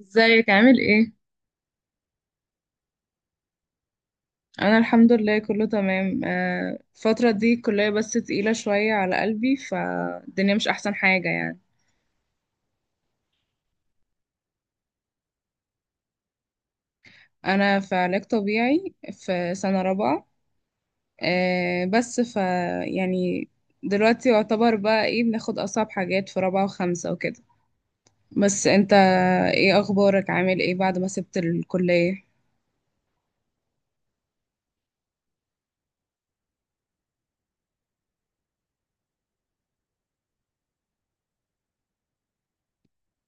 ازيك عامل ايه؟ انا الحمد لله كله تمام. الفترة دي الكلية بس تقيلة شوية على قلبي، فالدنيا مش احسن حاجة يعني. انا في علاج طبيعي في سنة رابعة. بس يعني دلوقتي يعتبر بقى ايه، بناخد اصعب حاجات في رابعة وخمسة وكده. بس انت، ايه اخبارك، عامل ايه بعد ما سبت الكلية؟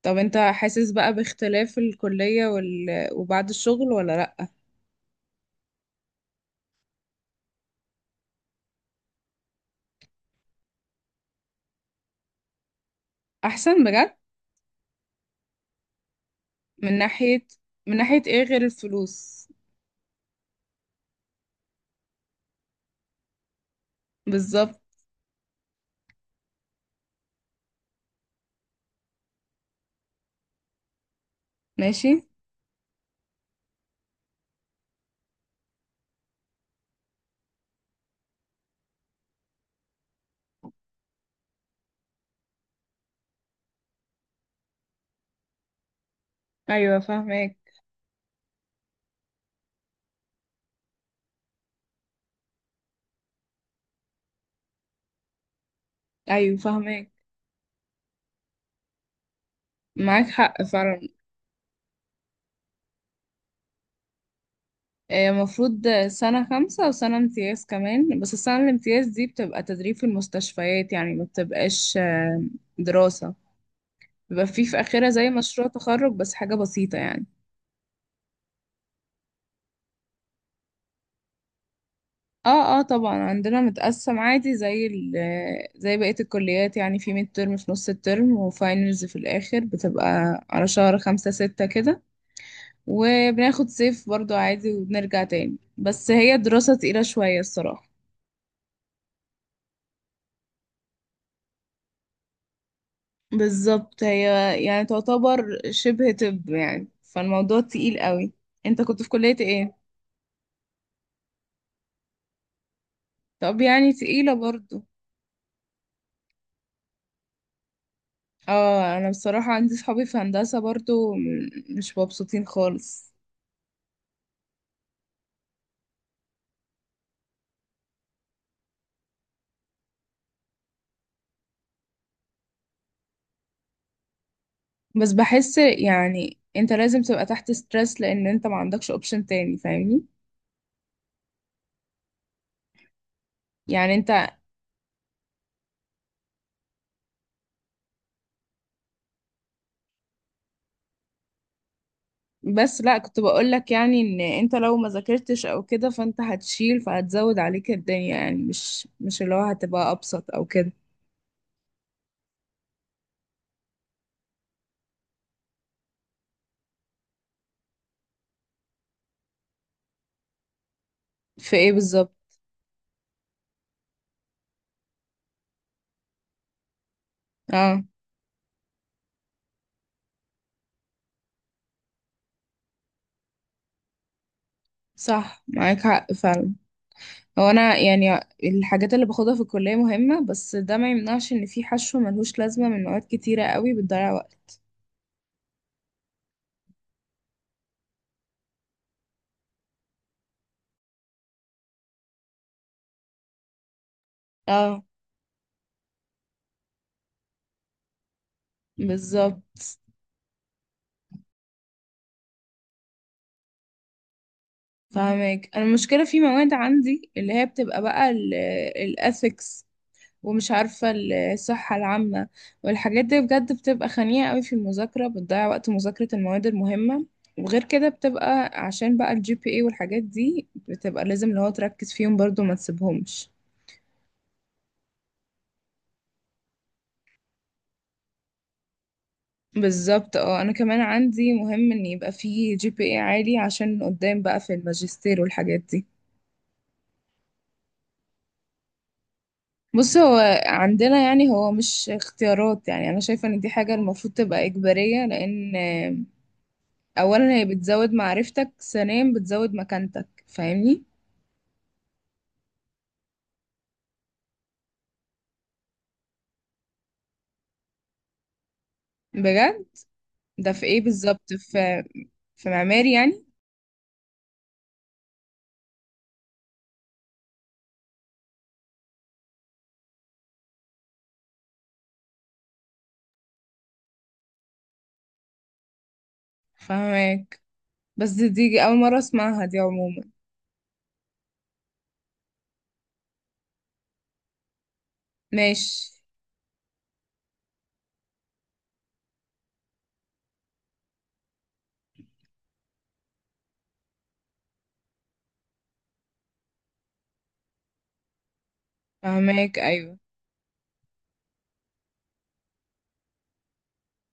طب انت حاسس بقى باختلاف الكلية وبعد الشغل ولا لأ؟ احسن بجد؟ من ناحية من ناحية ايه غير الفلوس؟ بالظبط. ماشي. ايوه فاهمك. ايوه فاهمك. معاك حق فعلا. المفروض سنة 5 وسنة امتياز كمان، بس السنة الامتياز دي بتبقى تدريب في المستشفيات، يعني ما بتبقاش دراسة. بيبقى فيه في آخرها زي مشروع تخرج، بس حاجة بسيطة يعني. اه اه، طبعا عندنا متقسم عادي، زي زي بقية الكليات يعني. في ميد ترم في نص الترم، وفاينلز في الآخر بتبقى على شهر 5 6 كده. وبناخد صيف برضو عادي وبنرجع تاني، بس هي دراسة تقيلة شوية الصراحة. بالظبط، هي يعني تعتبر شبه طب يعني، فالموضوع تقيل قوي. انت كنت في كلية ايه؟ طب يعني تقيلة برضو. اه، انا بصراحة عندي صحابي في هندسة برضو مش مبسوطين خالص. بس بحس يعني انت لازم تبقى تحت ستريس، لان انت ما عندكش اوبشن تاني، فاهمني. يعني انت، بس لا، كنت بقولك يعني ان انت لو ما ذاكرتش او كده، فانت هتشيل، فهتزود عليك الدنيا، يعني مش اللي هو هتبقى ابسط او كده. في ايه بالظبط؟ اه. صح، معاك حق فعلا. هو انا يعني الحاجات اللي باخدها في الكلية مهمة، بس ده ما يمنعش ان في حشو ملهوش لازمة من مواد كتيرة قوي بتضيع وقت. اه. بالظبط. فاهمك، انا المشكلة في مواد عندي اللي هي بتبقى بقى الاثكس، ومش عارفة الصحة العامة، والحاجات دي بجد بتبقى خنيقة قوي في المذاكرة، بتضيع وقت مذاكرة المواد المهمة. وغير كده بتبقى عشان بقى الجي بي اي والحاجات دي، بتبقى لازم اللي هو تركز فيهم برضو ما تسيبهمش. بالظبط. اه، انا كمان عندي مهم ان يبقى فيه GPA عالي، عشان قدام بقى في الماجستير والحاجات دي. بص، هو عندنا يعني هو مش اختيارات، يعني انا شايفة ان دي حاجة المفروض تبقى اجبارية، لان اولا هي بتزود معرفتك، ثانيا بتزود مكانتك، فاهمني. بجد؟ ده في ايه بالظبط، في معماري يعني؟ فاهمك. بس دي اول مره اسمعها، دي عموما. ماشي. فاهمك ايوه.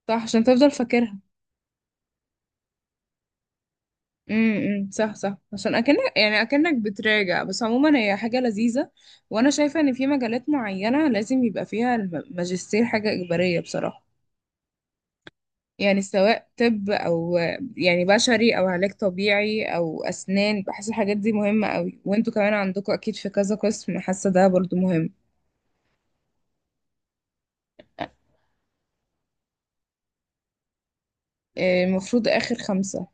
صح، عشان تفضل فاكرها. إمم. صح صح، عشان اكنك يعني اكنك بتراجع، بس عموما هي حاجه لذيذه. وانا شايفه ان في مجالات معينه لازم يبقى فيها الماجستير حاجه اجباريه بصراحه. يعني سواء طب، او يعني بشري او علاج طبيعي او اسنان، بحس الحاجات دي مهمة قوي. وانتوا كمان عندكم اكيد في كذا قسم، حاسة ده برضو مهم. المفروض اخر 5.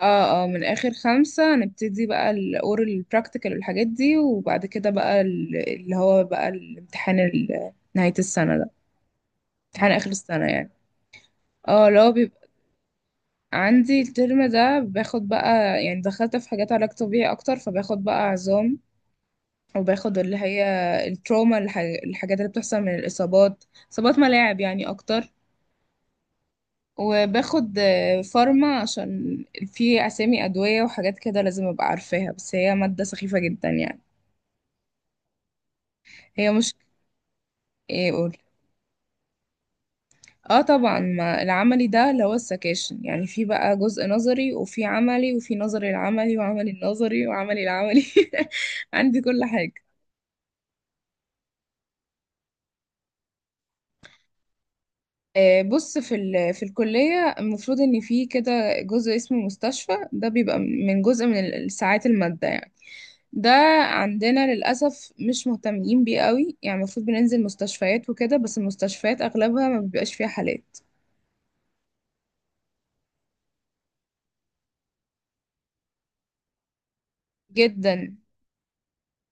اه اه، من اخر 5 نبتدي بقى الاورال براكتيكال والحاجات دي، وبعد كده بقى اللي هو بقى الامتحان نهاية السنة ده. امتحان اخر السنة يعني. اه، اللي هو بيبقى عندي الترم ده باخد بقى، يعني دخلت في حاجات علاج طبيعي اكتر، فباخد بقى عظام. وباخد اللي هي التروما، الحاجات اللي بتحصل من الإصابات، إصابات ملاعب يعني أكتر. وباخد فارما، عشان في أسامي أدوية وحاجات كده لازم أبقى عارفاها، بس هي مادة سخيفة جدا يعني. هي مش، إيه أقول. اه طبعا، ما العملي ده اللي هو السكاشن. يعني في بقى جزء نظري، وفي عملي، وفي نظري العملي، وعملي النظري، وعملي العملي. عندي كل حاجة. بص، في الكلية المفروض إن في كده جزء اسمه مستشفى، ده بيبقى من جزء من ساعات المادة يعني. ده عندنا للأسف مش مهتمين بيه قوي، يعني المفروض بننزل مستشفيات وكده، بس المستشفيات أغلبها ما بيبقاش فيها حالات. جدا.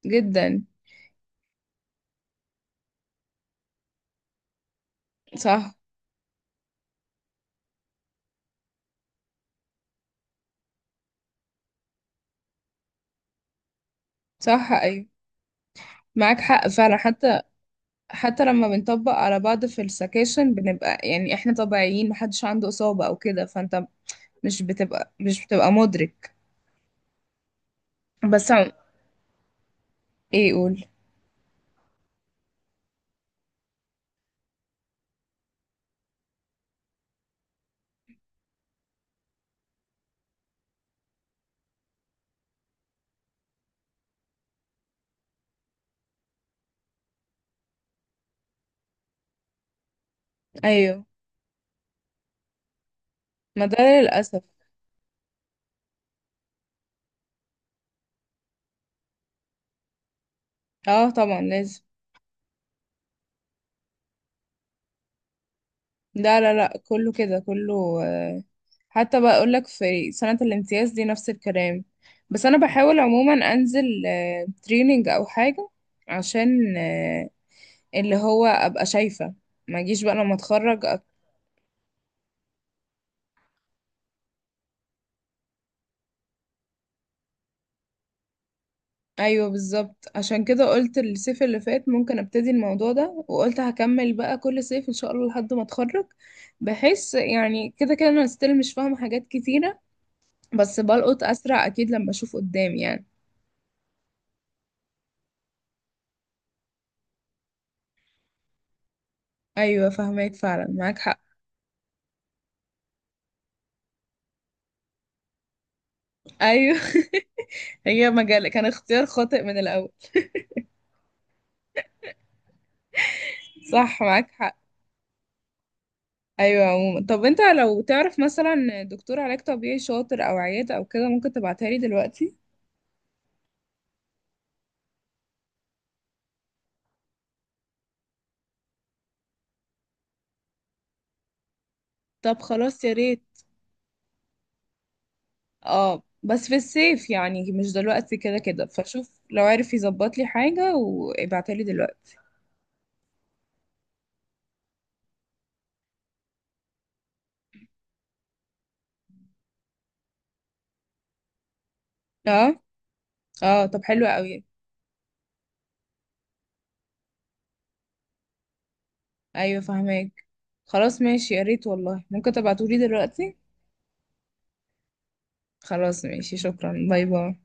جدا. صح صح، أيوة. معاك حق فعلا حتى. حتى لما بنطبق على بعض في السكاشن، بنبقى يعني احنا طبيعيين، محدش عنده إصابة أو كده، فأنت مش بتبقى مدرك. بس عم- ايه، قول. ايوه. ما ده للاسف. اه طبعا لازم. لا لا لا، كله كده كله. حتى بقى اقول لك، في سنة الامتياز دي نفس الكلام. بس انا بحاول عموما انزل تريننج او حاجة، عشان اللي هو ابقى شايفة، ما اجيش بقى لما اتخرج. ايوه بالظبط، عشان كده قلت الصيف اللي فات ممكن ابتدي الموضوع ده، وقلت هكمل بقى كل صيف ان شاء الله لحد ما اتخرج. بحيث يعني كده كده انا ستيل مش فاهمة حاجات كتيرة، بس بلقط اسرع اكيد لما اشوف قدامي يعني. ايوه فهماك فعلا، معاك حق. ايوه. هي مجال كان اختيار خاطئ من الاول. صح معاك حق. ايوه عموما. طب انت لو تعرف مثلا دكتور علاج طبيعي شاطر او عياده او كده، ممكن تبعتها لي دلوقتي. طب خلاص يا ريت. اه بس في الصيف يعني مش دلوقتي كده كده، فشوف لو عارف يظبط لي حاجه وابعتها لي دلوقتي. اه اه، طب حلو قوي. ايوه فهماك. خلاص ماشي، يا ريت والله، ممكن تبعتولي دلوقتي. خلاص ماشي، شكرا، باي باي.